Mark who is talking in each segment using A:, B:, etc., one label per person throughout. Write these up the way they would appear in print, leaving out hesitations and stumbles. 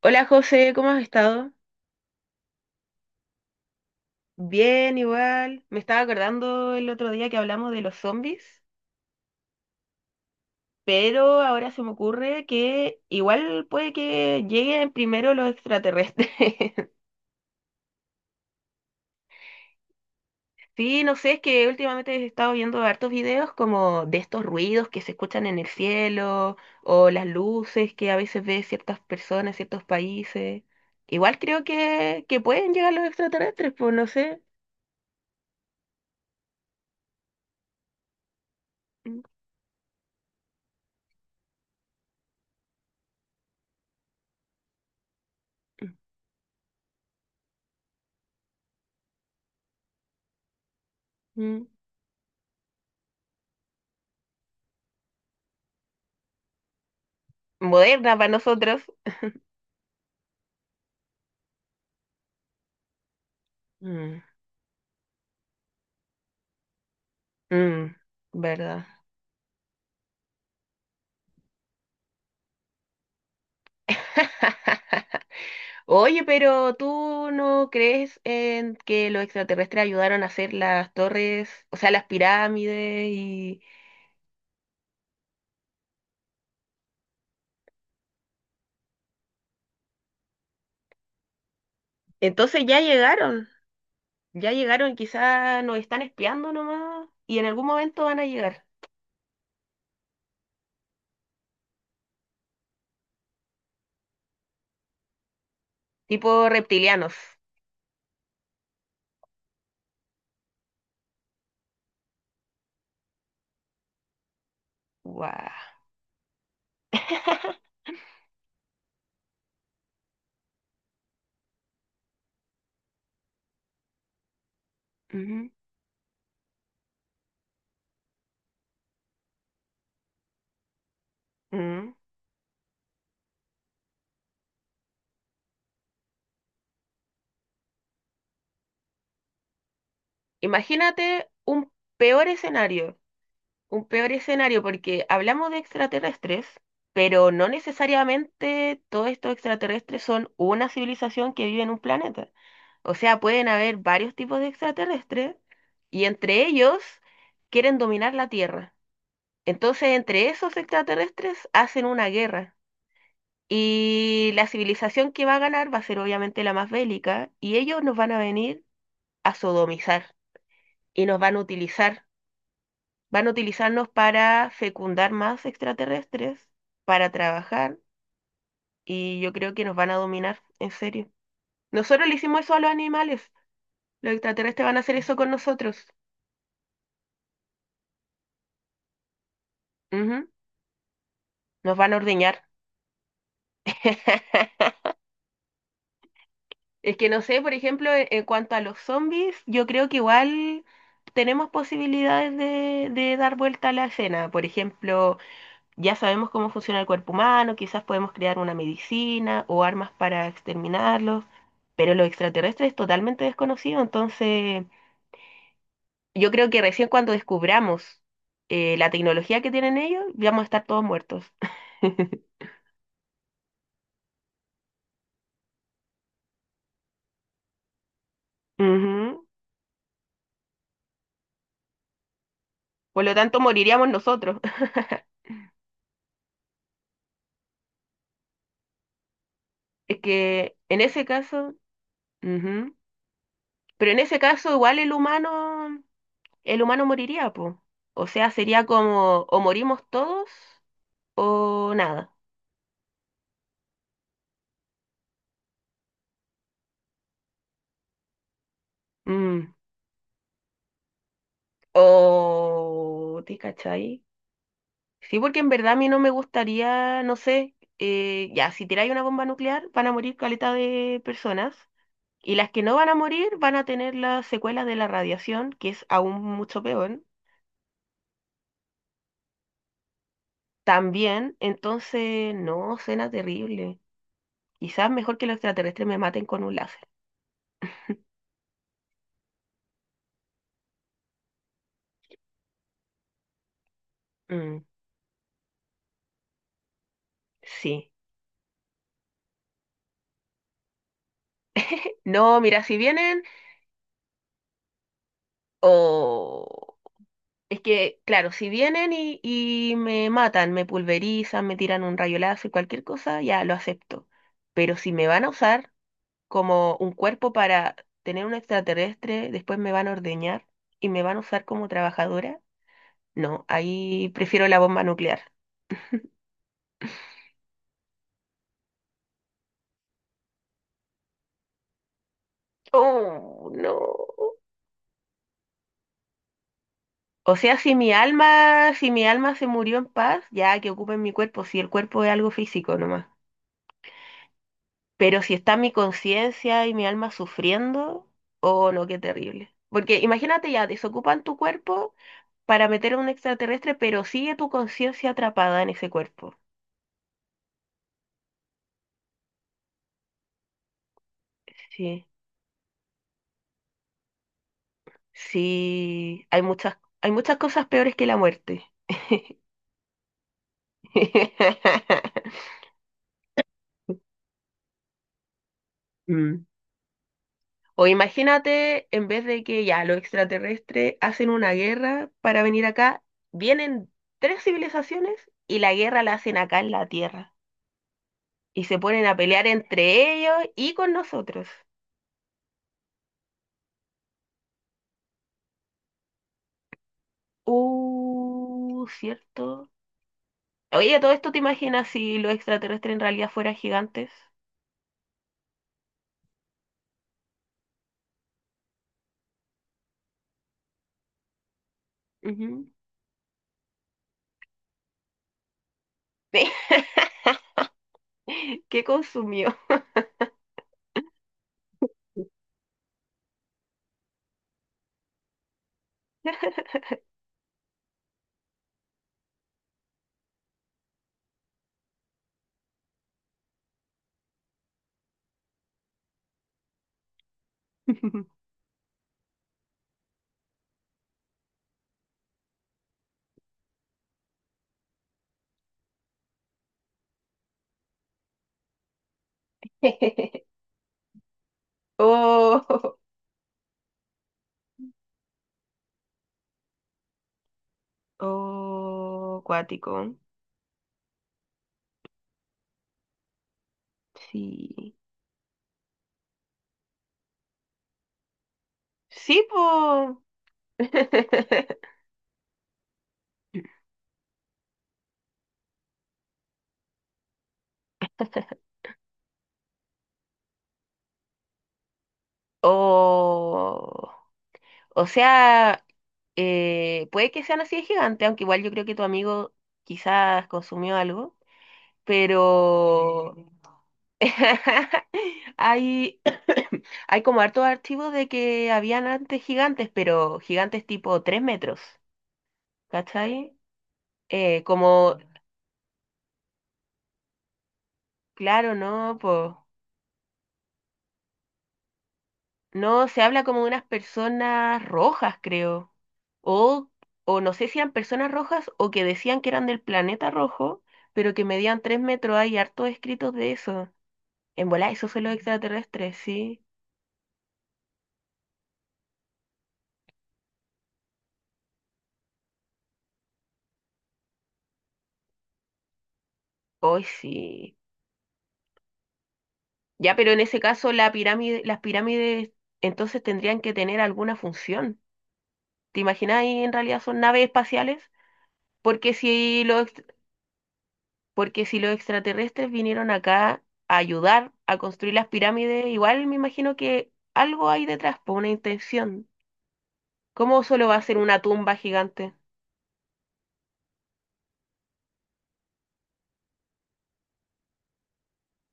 A: Hola José, ¿cómo has estado? Bien, igual. Me estaba acordando el otro día que hablamos de los zombies, pero ahora se me ocurre que igual puede que lleguen primero los extraterrestres. Sí, no sé, es que últimamente he estado viendo hartos videos como de estos ruidos que se escuchan en el cielo o las luces que a veces ve ciertas personas, ciertos países. Igual creo que pueden llegar los extraterrestres, pues no sé. Mm, mm. mm. Moderna para nosotros. Mm, mm, ¿Verdad? Oye, pero ¿tú no crees en que los extraterrestres ayudaron a hacer las torres, o sea, las pirámides y entonces ya llegaron, quizás nos están espiando nomás y en algún momento van a llegar, tipo reptilianos. Guau. Ujú, ujú. Imagínate un peor escenario. Un peor escenario porque hablamos de extraterrestres, pero no necesariamente todos estos extraterrestres son una civilización que vive en un planeta. O sea, pueden haber varios tipos de extraterrestres y entre ellos quieren dominar la Tierra. Entonces, entre esos extraterrestres hacen una guerra y la civilización que va a ganar va a ser obviamente la más bélica y ellos nos van a venir a sodomizar y nos van a utilizar. Van a utilizarnos para fecundar más extraterrestres, para trabajar, y yo creo que nos van a dominar, en serio. Nosotros le hicimos eso a los animales. Los extraterrestres van a hacer eso con nosotros. Ujú. Nos van a ordeñar. Es que no sé, por ejemplo, en cuanto a los zombies, yo creo que igual tenemos posibilidades de dar vuelta a la escena. Por ejemplo, ya sabemos cómo funciona el cuerpo humano, quizás podemos crear una medicina o armas para exterminarlos, pero los extraterrestres es totalmente desconocido, entonces yo creo que recién cuando descubramos la tecnología que tienen ellos, vamos a estar todos muertos. Ujú. Por lo tanto, moriríamos nosotros. Es que en ese caso, ujú. Pero en ese caso igual el humano moriría, pues. O sea, sería como o morimos todos o nada. Mm. O, ¿te cachai? Sí, porque en verdad a mí no me gustaría, no sé, ya, si tiráis una bomba nuclear van a morir caleta de personas y las que no van a morir van a tener las secuelas de la radiación, que es aún mucho peor, también, entonces, no, suena terrible. Quizás mejor que los extraterrestres me maten con un láser. Mm, sí. No, mira, si vienen, o... Es que, claro, si vienen y me matan, me pulverizan, me tiran un rayo láser, cualquier cosa, ya lo acepto. Pero si me van a usar como un cuerpo para tener un extraterrestre, después me van a ordeñar y me van a usar como trabajadora, no, ahí prefiero la bomba nuclear. Oh, no. O sea, si mi alma se murió en paz, ya que ocupen mi cuerpo, si el cuerpo es algo físico nomás. Pero si está mi conciencia y mi alma sufriendo, oh no, qué terrible. Porque imagínate ya, desocupan tu cuerpo para meter a un extraterrestre, pero sigue tu conciencia atrapada en ese cuerpo. Sí, sí, hay muchas cosas peores que la muerte. Mm. O imagínate, en vez de que ya los extraterrestres hacen una guerra para venir acá, vienen tres civilizaciones y la guerra la hacen acá en la Tierra, y se ponen a pelear entre ellos y con nosotros. Cierto. Oye, todo esto te imaginas si los extraterrestres en realidad fueran gigantes. Ujú. Sí. ¿Qué consumió? Oh, oh, acuático. Sí. Sí, po. O, o sea, puede que sean así de gigantes, aunque igual yo creo que tu amigo quizás consumió algo, pero hay, hay como hartos archivos de que habían antes gigantes, pero gigantes tipo 3 metros, ¿cachai? Como, claro, no, pues, no, se habla como de unas personas rojas, creo, o, o no sé si eran personas rojas o que decían que eran del planeta rojo, pero que medían 3 metros, hay hartos escritos de eso. En volá, esos son los extraterrestres, sí. Hoy sí. Ya, pero en ese caso la pirámide, las pirámides entonces tendrían que tener alguna función. ¿Te imaginas ahí en realidad son naves espaciales? Porque si los, ext- porque si los extraterrestres vinieron acá a ayudar a construir las pirámides, igual me imagino que algo hay detrás, por una intención. ¿Cómo solo va a ser una tumba gigante?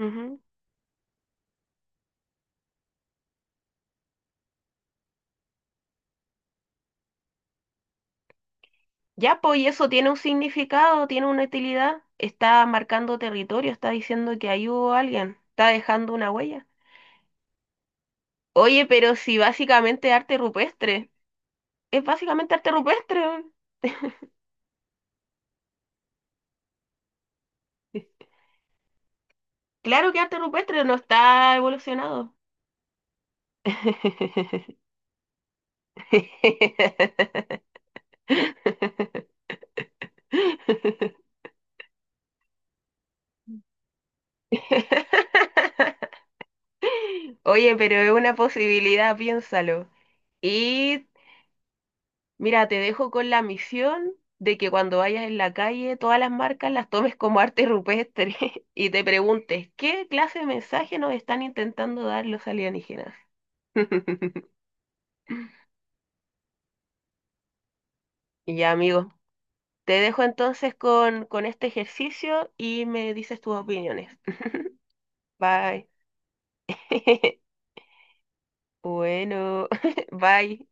A: Ujú. Ya, pues, y eso tiene un significado, tiene una utilidad. Está marcando territorio, está diciendo que ahí hubo alguien, está dejando una huella. Oye, pero si básicamente arte rupestre, es básicamente arte rupestre, weón. Claro que arte rupestre no está evolucionado. Oye, pero es una posibilidad, piénsalo. Y mira, te dejo con la misión de que cuando vayas en la calle, todas las marcas las tomes como arte rupestre y te preguntes, ¿qué clase de mensaje nos están intentando dar los alienígenas? Y ya, amigo, te dejo entonces con este ejercicio y me dices tus opiniones. Bye. Bueno, bye.